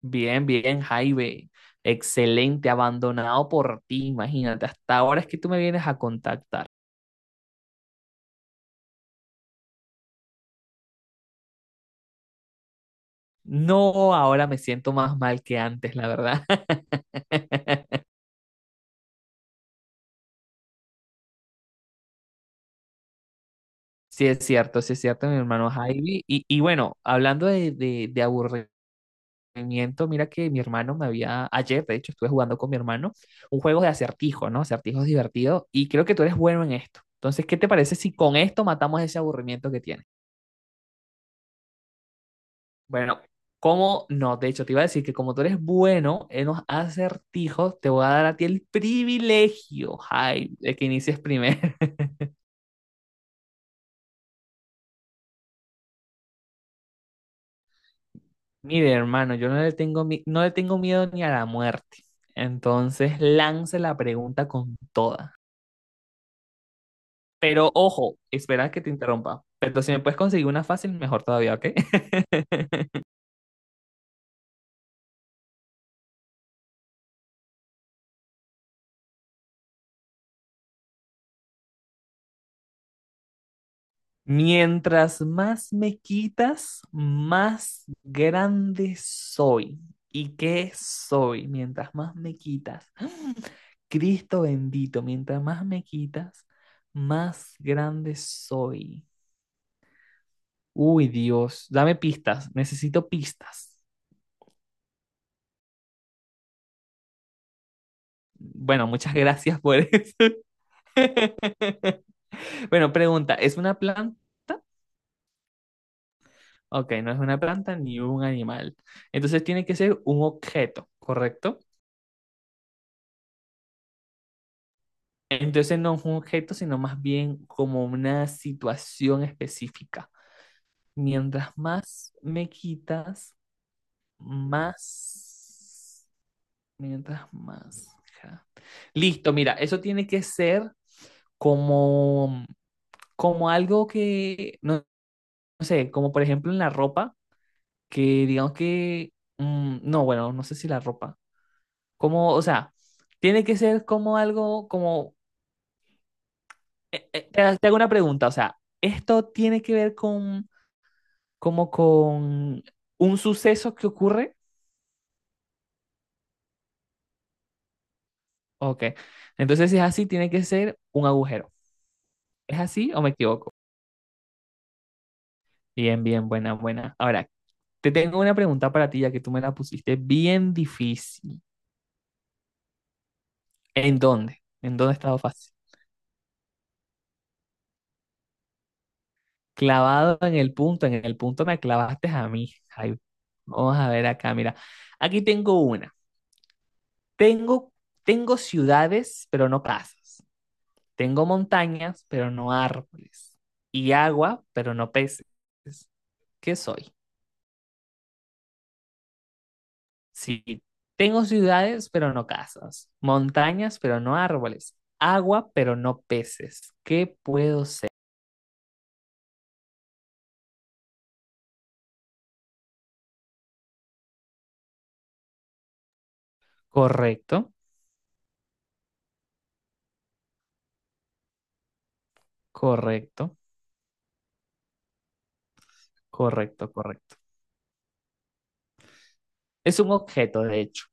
Bien, bien, Jaime. Excelente, abandonado por ti, imagínate. Hasta ahora es que tú me vienes a contactar. No, ahora me siento más mal que antes, la verdad. Sí es cierto, mi hermano Jaime. Y bueno, hablando de aburrimiento, mira que mi hermano me había, ayer, de hecho, estuve jugando con mi hermano un juego de acertijos, ¿no? Acertijos divertidos. Y creo que tú eres bueno en esto. Entonces, ¿qué te parece si con esto matamos ese aburrimiento que tienes? Bueno, ¿cómo no? De hecho, te iba a decir que como tú eres bueno en los acertijos, te voy a dar a ti el privilegio, Jaime, de que inicies primero. Mire, hermano, yo no le tengo, no le tengo miedo ni a la muerte. Entonces, lance la pregunta con toda. Pero ojo, espera que te interrumpa. Pero si me puedes conseguir una fácil, mejor todavía, ¿ok? Mientras más me quitas, más grande soy. ¿Y qué soy? Mientras más me quitas. Cristo bendito, mientras más me quitas, más grande soy. Uy, Dios, dame pistas, necesito pistas. Bueno, muchas gracias por eso. Bueno, pregunta, ¿es una planta? Ok, no es una planta ni un animal. Entonces tiene que ser un objeto, ¿correcto? Entonces no es un objeto, sino más bien como una situación específica. Mientras más me quitas, más... Mientras más... ja. Listo, mira, eso tiene que ser como, como algo que, no, no sé, como por ejemplo en la ropa, que digamos que... no, bueno, no sé si la ropa. Como, o sea, tiene que ser como algo, como... te hago una pregunta, o sea, ¿esto tiene que ver con como con un suceso que ocurre. Ok. Entonces, si es así, tiene que ser un agujero. ¿Es así o me equivoco? Bien, bien, buena, buena. Ahora, te tengo una pregunta para ti, ya que tú me la pusiste bien difícil. ¿En dónde? ¿En dónde estaba fácil? Clavado en el punto me clavaste a mí. Ay, vamos a ver acá, mira. Aquí tengo una. Tengo, tengo ciudades, pero no casas. Tengo montañas, pero no árboles. Y agua, pero no peces. ¿Qué soy? Sí. Tengo ciudades, pero no casas. Montañas, pero no árboles. Agua, pero no peces. ¿Qué puedo ser? Correcto, correcto, correcto, correcto. Es un objeto, de hecho.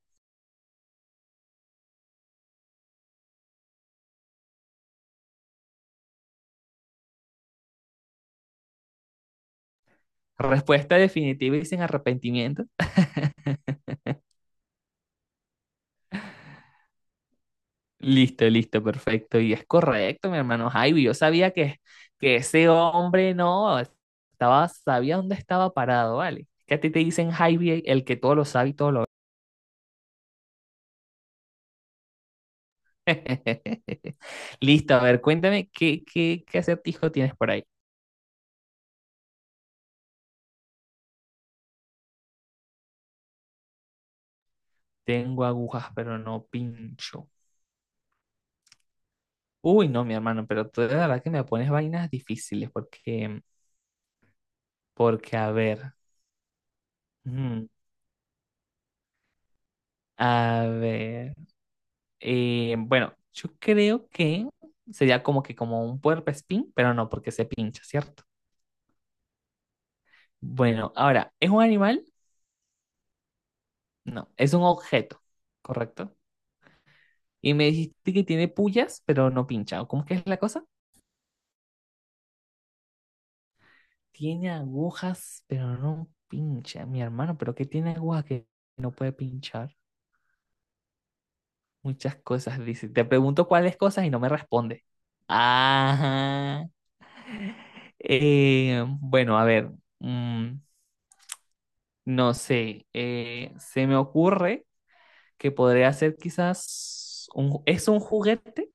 Respuesta definitiva y sin arrepentimiento. Listo, listo, perfecto. Y es correcto, mi hermano Javi. Yo sabía que ese hombre no estaba, sabía dónde estaba parado, ¿vale? Que a ti te dicen Javi, el que todo lo sabe y todo lo ve. Listo, a ver, cuéntame qué, qué, qué acertijo tienes por ahí. Tengo agujas, pero no pincho. Uy, no, mi hermano, pero tú de verdad que me pones vainas difíciles porque, porque, a ver, mm, a ver. Bueno, yo creo que sería como que como un puercoespín, pero no porque se pincha, ¿cierto? Bueno, ahora, ¿es un animal? No, es un objeto, ¿correcto? Y me dijiste que tiene puyas, pero no pincha. ¿O ¿cómo es que es la cosa? Tiene agujas, pero no pincha. Mi hermano, ¿pero qué tiene agujas que no puede pinchar? Muchas cosas, dice. Te pregunto cuáles cosas y no me responde. Ajá. Bueno, a ver. mm, No sé, se me ocurre que podría ser quizás un, ¿es un juguete?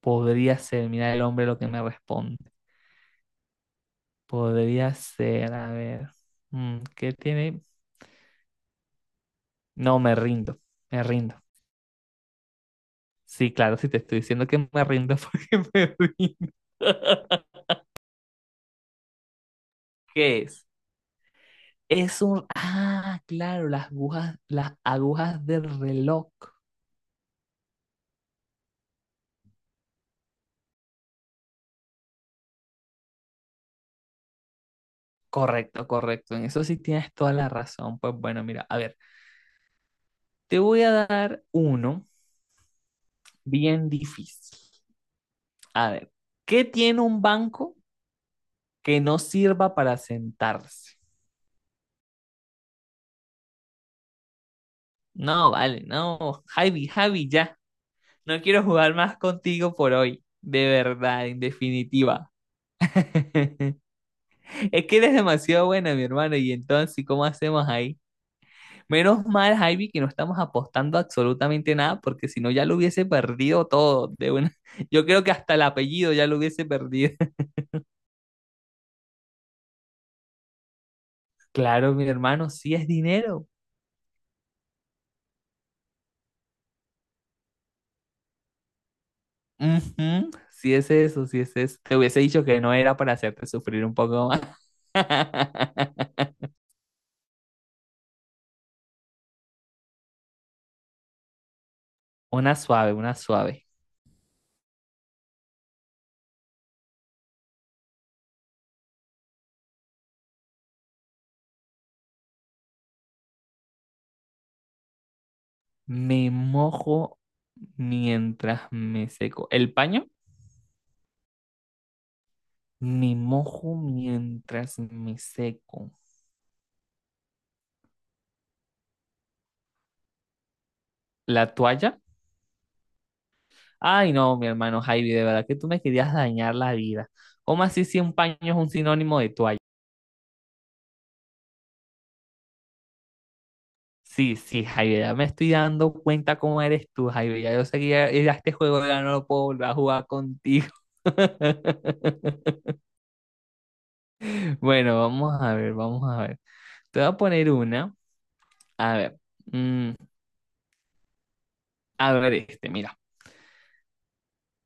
Podría ser, mira el hombre lo que me responde. Podría ser, a ver, ¿qué tiene? No, me rindo, me rindo. Sí, claro, si te estoy diciendo que me rindo porque me rindo. ¿Qué es? Es un, ah, claro, las agujas del reloj. Correcto, correcto. En eso sí tienes toda la razón. Pues bueno, mira, a ver, te voy a dar uno bien difícil. A ver, ¿qué tiene un banco que no sirva para sentarse? No, vale, no. Javi, Javi, ya. No quiero jugar más contigo por hoy. De verdad, en definitiva. Es que eres demasiado buena, mi hermano. Y entonces, ¿cómo hacemos ahí? Menos mal, Javi, que no estamos apostando absolutamente nada, porque si no ya lo hubiese perdido todo. De una... Yo creo que hasta el apellido ya lo hubiese perdido. Claro, mi hermano, sí es dinero. Ujú, sí es eso, sí es eso. Te hubiese dicho que no era para hacerte sufrir un poco más. Una suave, una suave. Me mojo mientras me seco. ¿El paño? Me mojo mientras me seco. ¿La toalla? Ay, no, mi hermano Javi, de verdad que tú me querías dañar la vida. ¿Cómo así si un paño es un sinónimo de toalla? Sí, sí, Jairo, ya me estoy dando cuenta cómo eres tú, Jairo. Ya yo seguía ya este juego ya no lo puedo volver a jugar contigo. Bueno, vamos a ver, vamos a ver. Te voy a poner una. A ver, mm, a ver este, mira.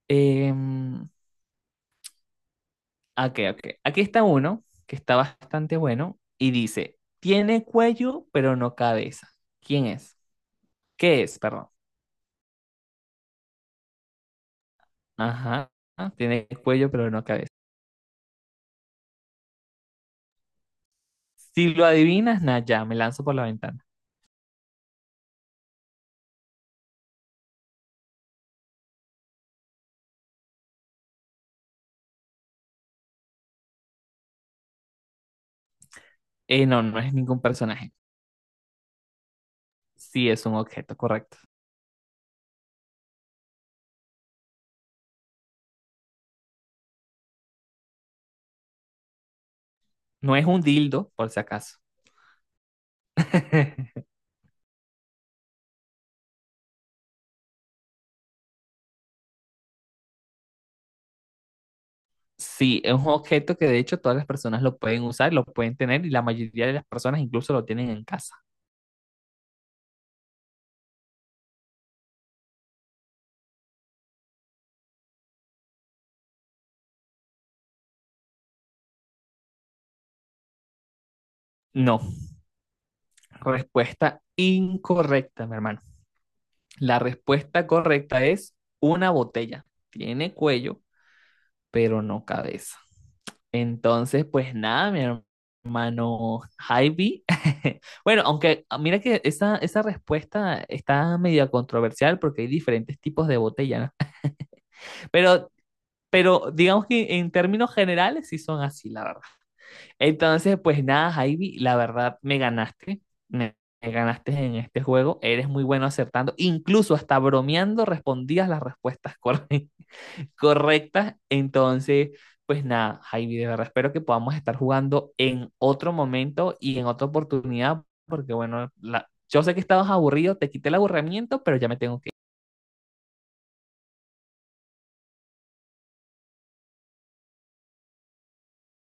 Em, ok, ok. Aquí está uno que está bastante bueno y dice, tiene cuello pero no cabeza. ¿Quién es? ¿Qué es? Perdón. Ajá, tiene cuello pero no cabeza. Si lo adivinas, nada, ya, me lanzo por la ventana. No, no es ningún personaje. Sí, es un objeto, correcto. No es un dildo, por si acaso. Sí, es un objeto que de hecho todas las personas lo pueden usar, lo pueden tener y la mayoría de las personas incluso lo tienen en casa. No, respuesta incorrecta, mi hermano. La respuesta correcta es una botella. Tiene cuello, pero no cabeza. Entonces, pues nada, mi hermano Javi. Bueno, aunque ah, mira que esa respuesta está media controversial porque hay diferentes tipos de botella, ¿no? Pero, pero digamos que en términos generales sí son así, la verdad. Entonces, pues nada, Javi, la verdad me ganaste. Me ganaste en este juego. Eres muy bueno acertando. Incluso hasta bromeando respondías las respuestas correctas correctas. Entonces, pues nada, Javi, de verdad espero que podamos estar jugando en otro momento y en otra oportunidad, porque bueno, yo sé que estabas aburrido, te quité el aburrimiento, pero ya me tengo que ir.